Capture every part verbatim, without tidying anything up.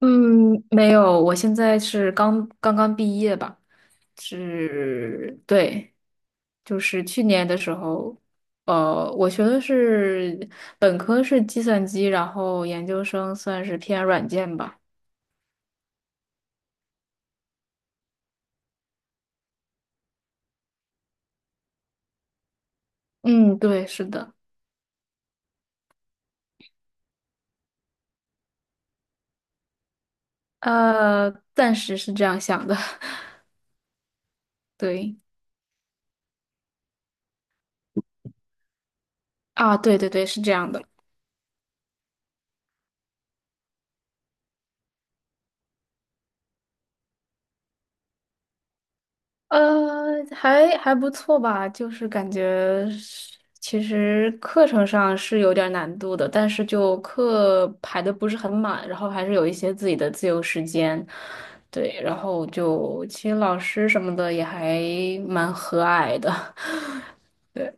嗯，没有，我现在是刚刚刚毕业吧，是，对，就是去年的时候，呃，我学的是本科是计算机，然后研究生算是偏软件吧。嗯，对，是的，呃，暂时是这样想的，对，啊，对对对，是这样的。呃，还还不错吧，就是感觉是其实课程上是有点儿难度的，但是就课排的不是很满，然后还是有一些自己的自由时间，对，然后就其实老师什么的也还蛮和蔼的，对，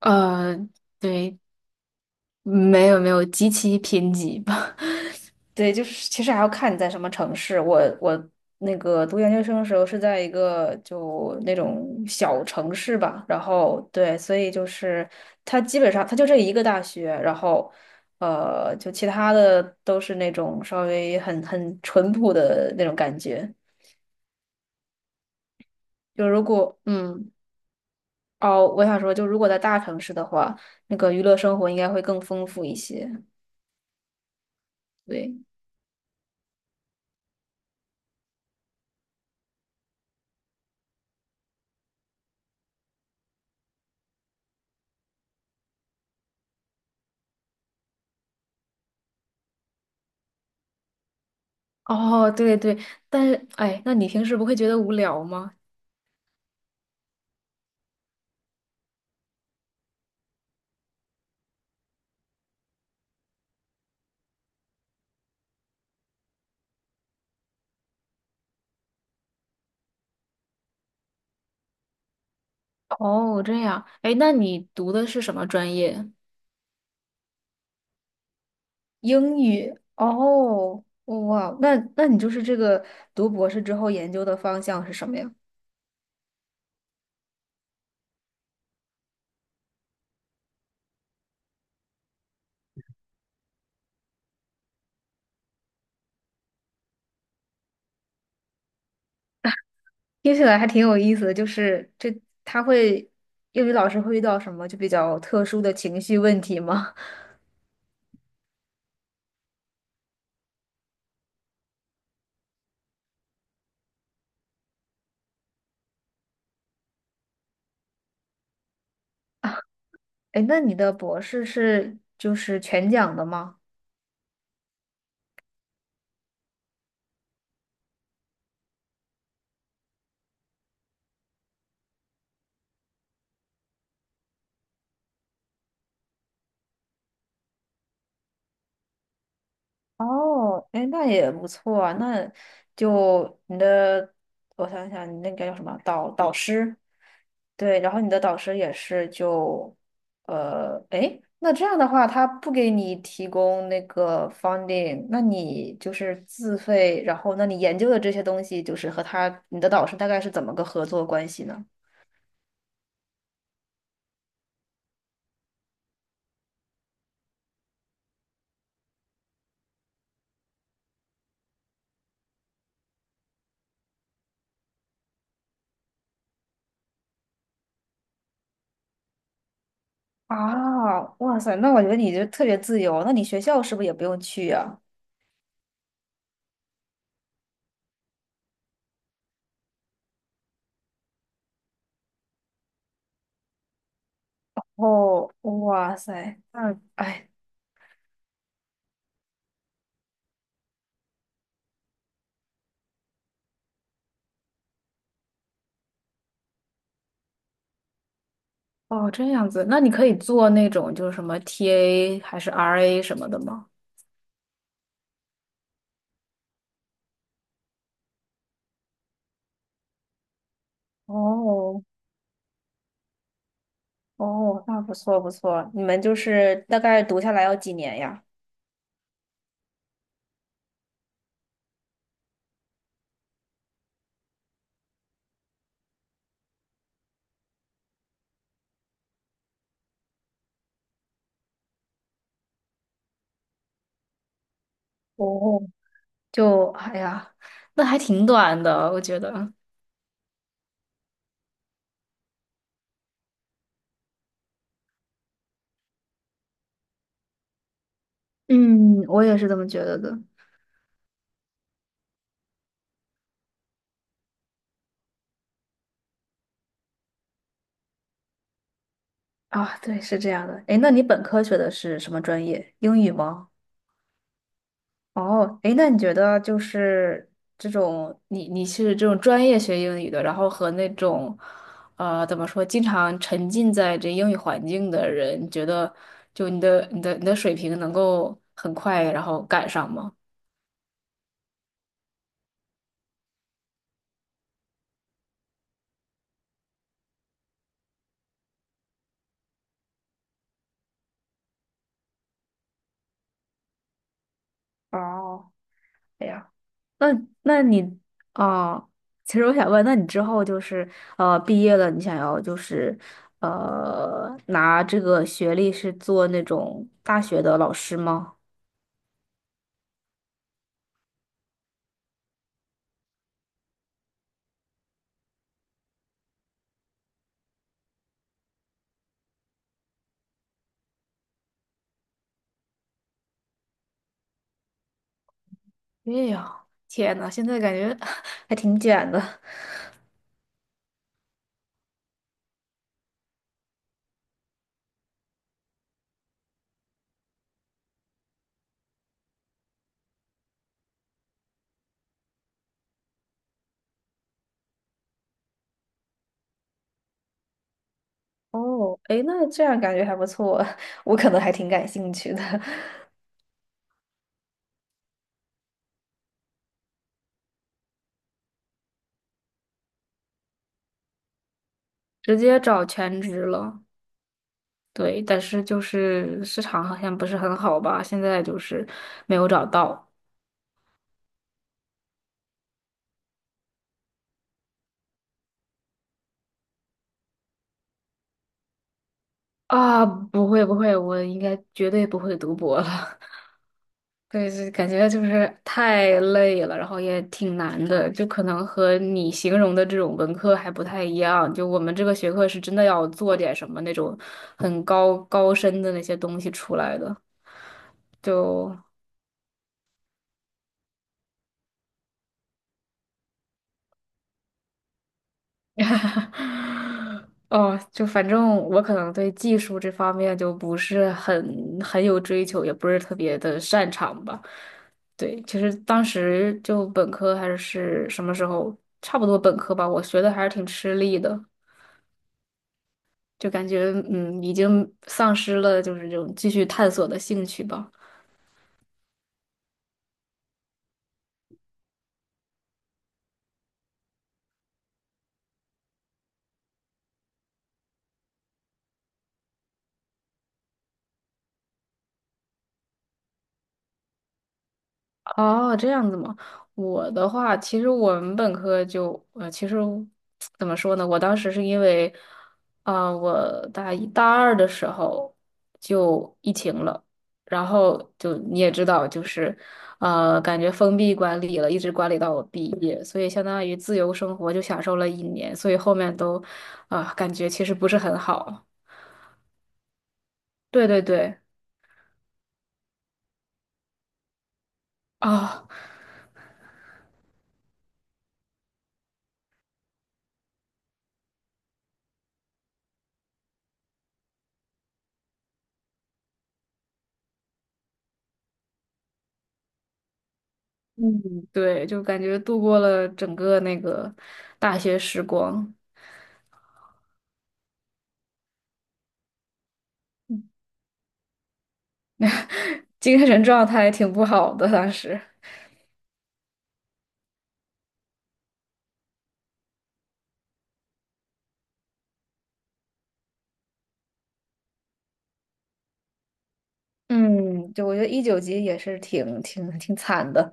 呃，对，没有没有极其贫瘠吧。对，就是其实还要看你在什么城市。我我那个读研究生的时候是在一个就那种小城市吧，然后对，所以就是它基本上它就这一个大学，然后呃，就其他的都是那种稍微很很淳朴的那种感觉。就如果嗯哦，我想说，就如果在大城市的话，那个娱乐生活应该会更丰富一些。对，哦，对对，但是哎，那你平时不会觉得无聊吗？哦，这样，哎，那你读的是什么专业？英语哦，哇，那那你就是这个读博士之后研究的方向是什么呀？听起来还挺有意思的，就是这他会英语老师会遇到什么就比较特殊的情绪问题吗？哎，那你的博士是就是全奖的吗？哦，哎，那也不错啊，那就你的，我想想，你那个叫什么导导师？对，然后你的导师也是就，呃，诶，那这样的话，他不给你提供那个 funding,那你就是自费，然后那你研究的这些东西，就是和他，你的导师大概是怎么个合作关系呢？啊，哇塞，那我觉得你就特别自由，那你学校是不是也不用去呀？哦，哇塞，那哎，哦，这样子，那你可以做那种就是什么 T A 还是 R A 什么的吗？哦，哦，那不错不错，你们就是大概读下来要几年呀？哦，就哎呀，那还挺短的，我觉得。嗯，我也是这么觉得的。啊，对，是这样的。哎，那你本科学的是什么专业？英语吗？哦，哎，那你觉得就是这种你你是这种专业学英语的，然后和那种呃怎么说，经常沉浸在这英语环境的人，你觉得就你的你的你的水平能够很快然后赶上吗？哦，哎呀，那那你哦，其实我想问，那你之后就是呃，毕业了，你想要就是呃，拿这个学历是做那种大学的老师吗？哎呀，天呐，现在感觉 还挺卷的。哦，哎，那这样感觉还不错，我可能还挺感兴趣的，直接找全职了。对，但是就是市场好像不是很好吧，现在就是没有找到。啊，不会不会，我应该绝对不会读博了。对，是感觉就是太累了，然后也挺难的，就可能和你形容的这种文科还不太一样。就我们这个学科是真的要做点什么那种很高高深的那些东西出来的，就 哦，就反正我可能对技术这方面就不是很很有追求，也不是特别的擅长吧。对，其实当时就本科还是什么时候，差不多本科吧，我学的还是挺吃力的，就感觉嗯，已经丧失了就是这种继续探索的兴趣吧。哦，这样子吗？我的话，其实我们本科就，呃，其实怎么说呢？我当时是因为，啊、我大一大二的时候就疫情了，然后就你也知道，就是，呃，感觉封闭管理了，一直管理到我毕业，所以相当于自由生活就享受了一年，所以后面都，啊、感觉其实不是很好。对对对，啊、嗯，对，就感觉度过了整个那个大学时光，嗯 精神状态挺不好的当时。嗯，就我觉得一九级也是挺挺挺惨的，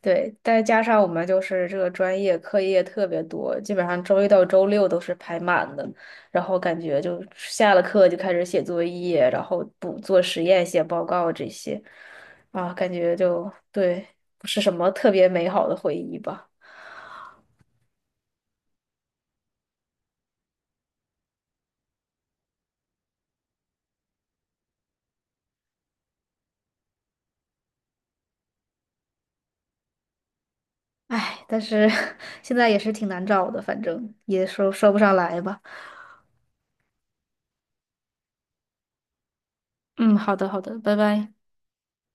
对，再加上我们就是这个专业课业特别多，基本上周一到周六都是排满的，然后感觉就下了课就开始写作业，然后补做实验、写报告这些，啊，感觉就对，不是什么特别美好的回忆吧。唉，但是 现在也是挺难找的，反正也说说不上来吧。嗯，好的，好的，拜拜。